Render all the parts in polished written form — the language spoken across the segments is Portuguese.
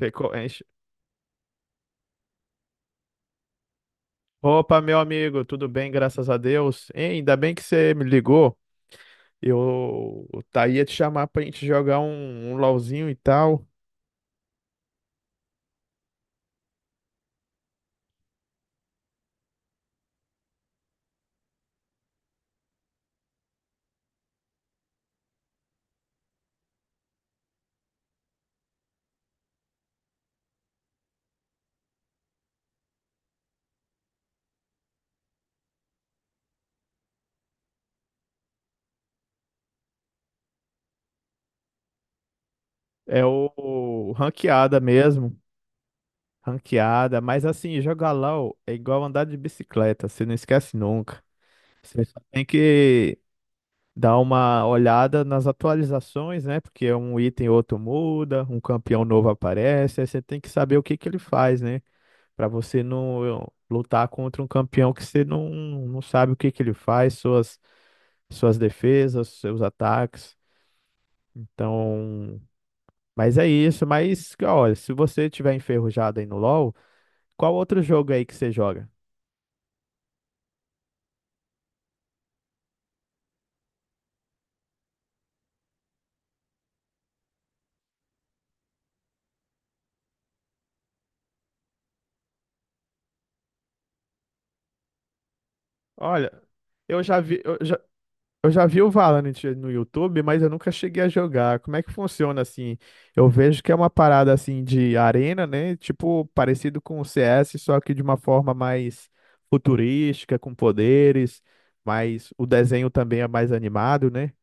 Ficou, enche. Opa, meu amigo, tudo bem, graças a Deus. Hein, ainda bem que você me ligou. Eu ia te chamar pra gente jogar um LOLzinho e tal. É o ranqueada mesmo, ranqueada, mas assim, jogar LOL é igual andar de bicicleta, você não esquece nunca. Você só tem que dar uma olhada nas atualizações, né? Porque um item ou outro muda, um campeão novo aparece, aí você tem que saber o que que ele faz, né? Para você não lutar contra um campeão que você não sabe o que que ele faz, suas defesas, seus ataques. Então, mas é isso. Mas, olha, se você tiver enferrujado aí no LoL, qual outro jogo aí que você joga? Olha, eu já vi, eu já, eu já vi o Valorant no YouTube, mas eu nunca cheguei a jogar. Como é que funciona assim? Eu vejo que é uma parada assim de arena, né? Tipo, parecido com o CS, só que de uma forma mais futurística, com poderes, mas o desenho também é mais animado, né?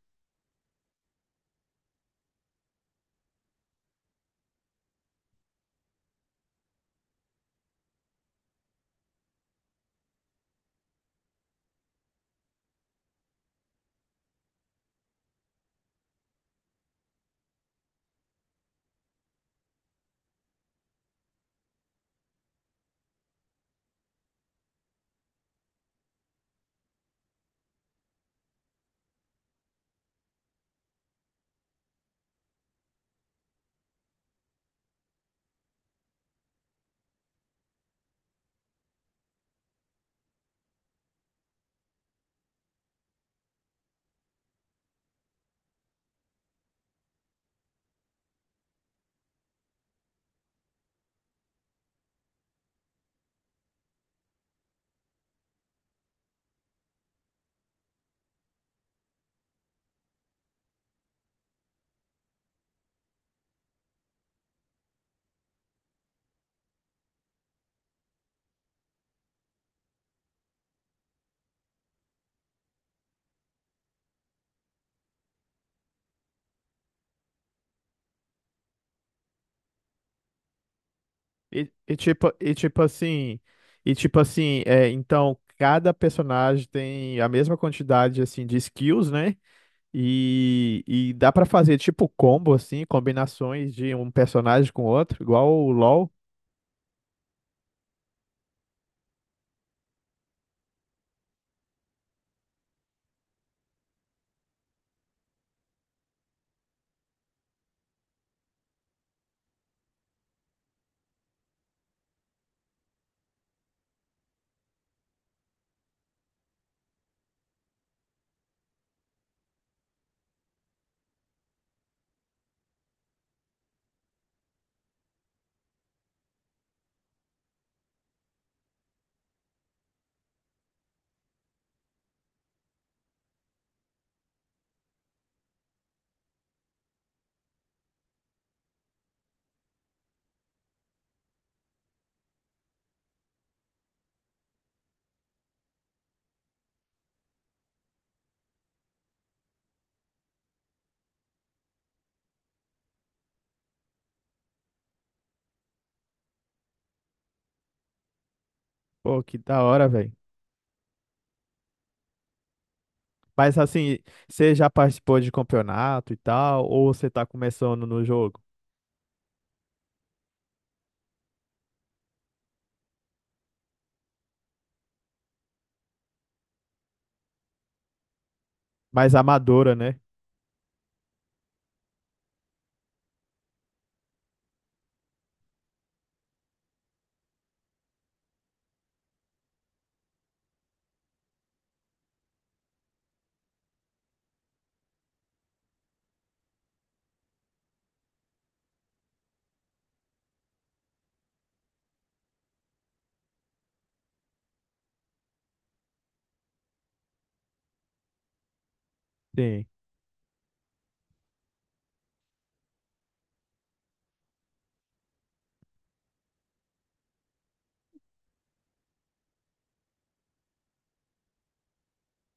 E, e tipo, e tipo assim, e tipo assim, é, então cada personagem tem a mesma quantidade assim de skills, né? E dá pra fazer tipo combo, assim, combinações de um personagem com outro, igual o LoL. Pô, que da hora, velho. Mas assim, você já participou de campeonato e tal, ou você tá começando no jogo? Mais amadora, né? Sim.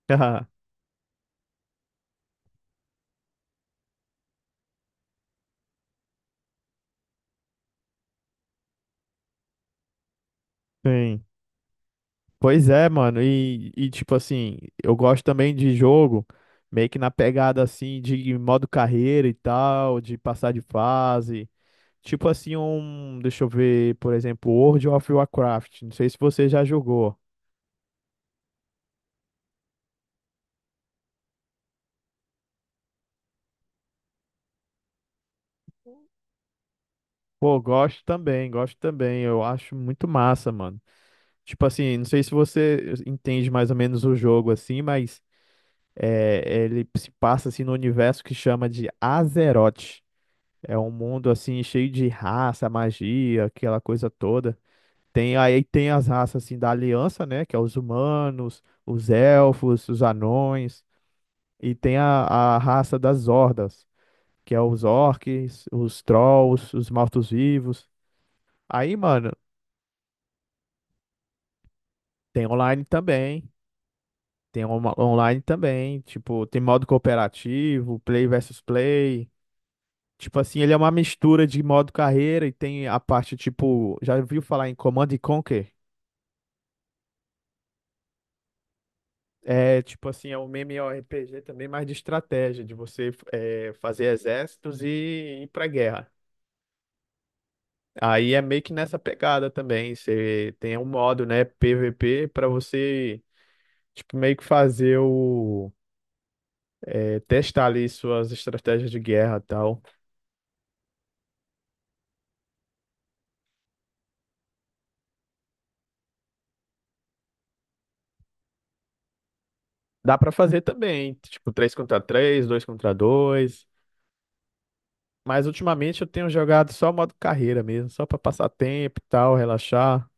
Sim. Pois é, mano. Eu gosto também de jogo, meio que na pegada assim, de modo carreira e tal, de passar de fase. Tipo assim, um. Deixa eu ver, por exemplo, World of Warcraft. Não sei se você já jogou. Pô, gosto também, gosto também. Eu acho muito massa, mano. Tipo assim, não sei se você entende mais ou menos o jogo assim, mas ele se passa assim no universo que chama de Azeroth. É um mundo assim cheio de raça, magia, aquela coisa toda. Tem aí tem as raças assim da Aliança, né, que é os humanos, os elfos, os anões e tem a raça das hordas, que é os orcs, os trolls, os mortos-vivos. Aí, mano, tem online também. Online também. Tipo, tem modo cooperativo, play versus play. Tipo assim, ele é uma mistura de modo carreira e tem a parte, tipo, já ouviu falar em Command and Conquer? É, tipo assim, é um MMORPG também, mais de estratégia, de você fazer exércitos e ir pra guerra. Aí é meio que nessa pegada também. Você tem um modo, né, PVP, pra você tipo, meio que fazer o, testar ali suas estratégias de guerra e tal. Dá pra fazer também, tipo, 3 contra três, 2 contra dois. Mas ultimamente eu tenho jogado só modo carreira mesmo, só pra passar tempo e tal, relaxar.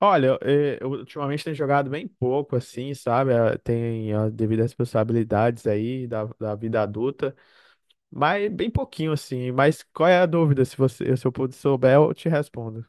Olha, eu ultimamente tenho jogado bem pouco, assim, sabe? Ah, tem as devidas responsabilidades aí da vida adulta, mas bem pouquinho, assim. Mas qual é a dúvida? Se você, se eu puder souber, eu te respondo.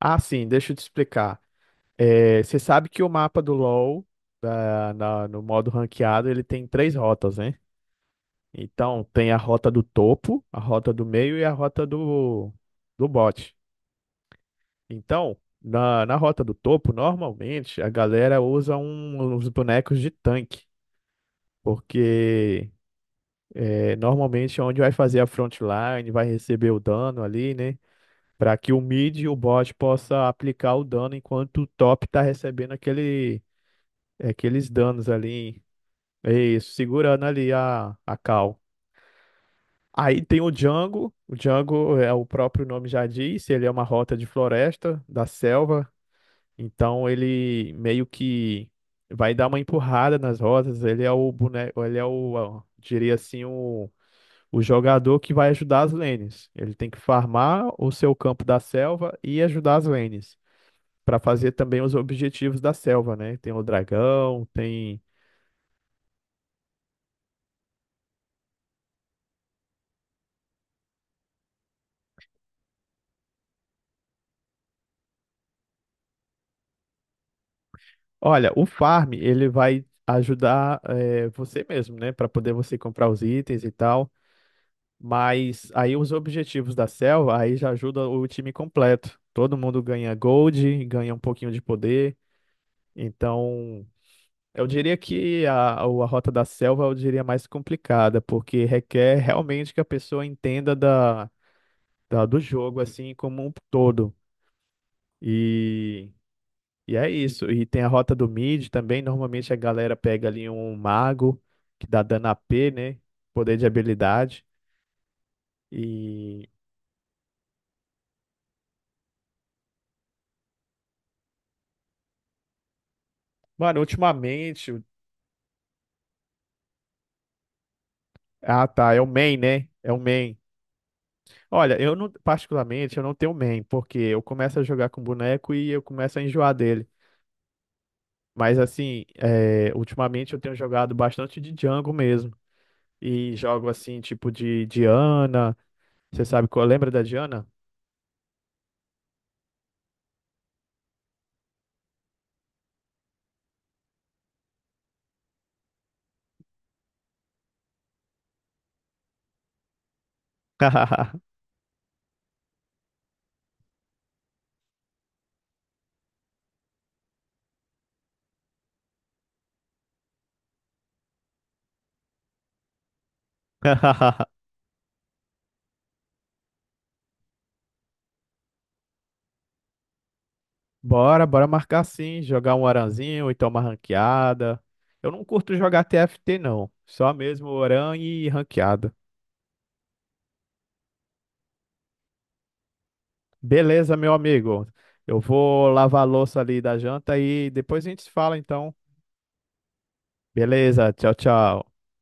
Ah, sim, deixa eu te explicar. É, você sabe que o mapa do LoL, no modo ranqueado, ele tem três rotas, né? Então, tem a rota do topo, a rota do meio e a rota do bot. Então, na rota do topo, normalmente, a galera usa uns bonecos de tanque, porque normalmente é onde vai fazer a frontline, vai receber o dano ali, né? Para que o mid e o bot possa aplicar o dano enquanto o top tá recebendo aqueles danos ali. É isso, segurando ali a cal. Aí tem o Django. O Django, o próprio nome já diz, ele é uma rota de floresta, da selva. Então ele meio que vai dar uma empurrada nas rotas. Ele é o boneco, ele é o, ó, diria assim, o jogador que vai ajudar as lanes. Ele tem que farmar o seu campo da selva e ajudar as lanes. Para fazer também os objetivos da selva, né? Tem o dragão, tem. Olha, o farm, ele vai ajudar você mesmo, né? Para poder você comprar os itens e tal. Mas aí os objetivos da selva, aí já ajuda o time completo. Todo mundo ganha gold, ganha um pouquinho de poder. Então, eu diria que a rota da selva, eu diria mais complicada, porque requer realmente que a pessoa entenda do jogo, assim, como um todo. E E é isso. E tem a rota do mid também. Normalmente a galera pega ali um mago que dá dano a p, né? Poder de habilidade. E, mano, ultimamente, ah, tá. É o main, né? É o main. Olha, eu não, particularmente, eu não tenho main, porque eu começo a jogar com boneco e eu começo a enjoar dele. Mas assim, ultimamente eu tenho jogado bastante de jungle mesmo. E jogo assim, tipo de Diana. Você sabe qual? Lembra da Diana? Bora marcar sim, jogar um aranzinho, ou então uma ranqueada. Eu não curto jogar TFT não, só mesmo oran e ranqueada. Beleza, meu amigo. Eu vou lavar a louça ali da janta e depois a gente se fala então. Beleza, tchau, tchau.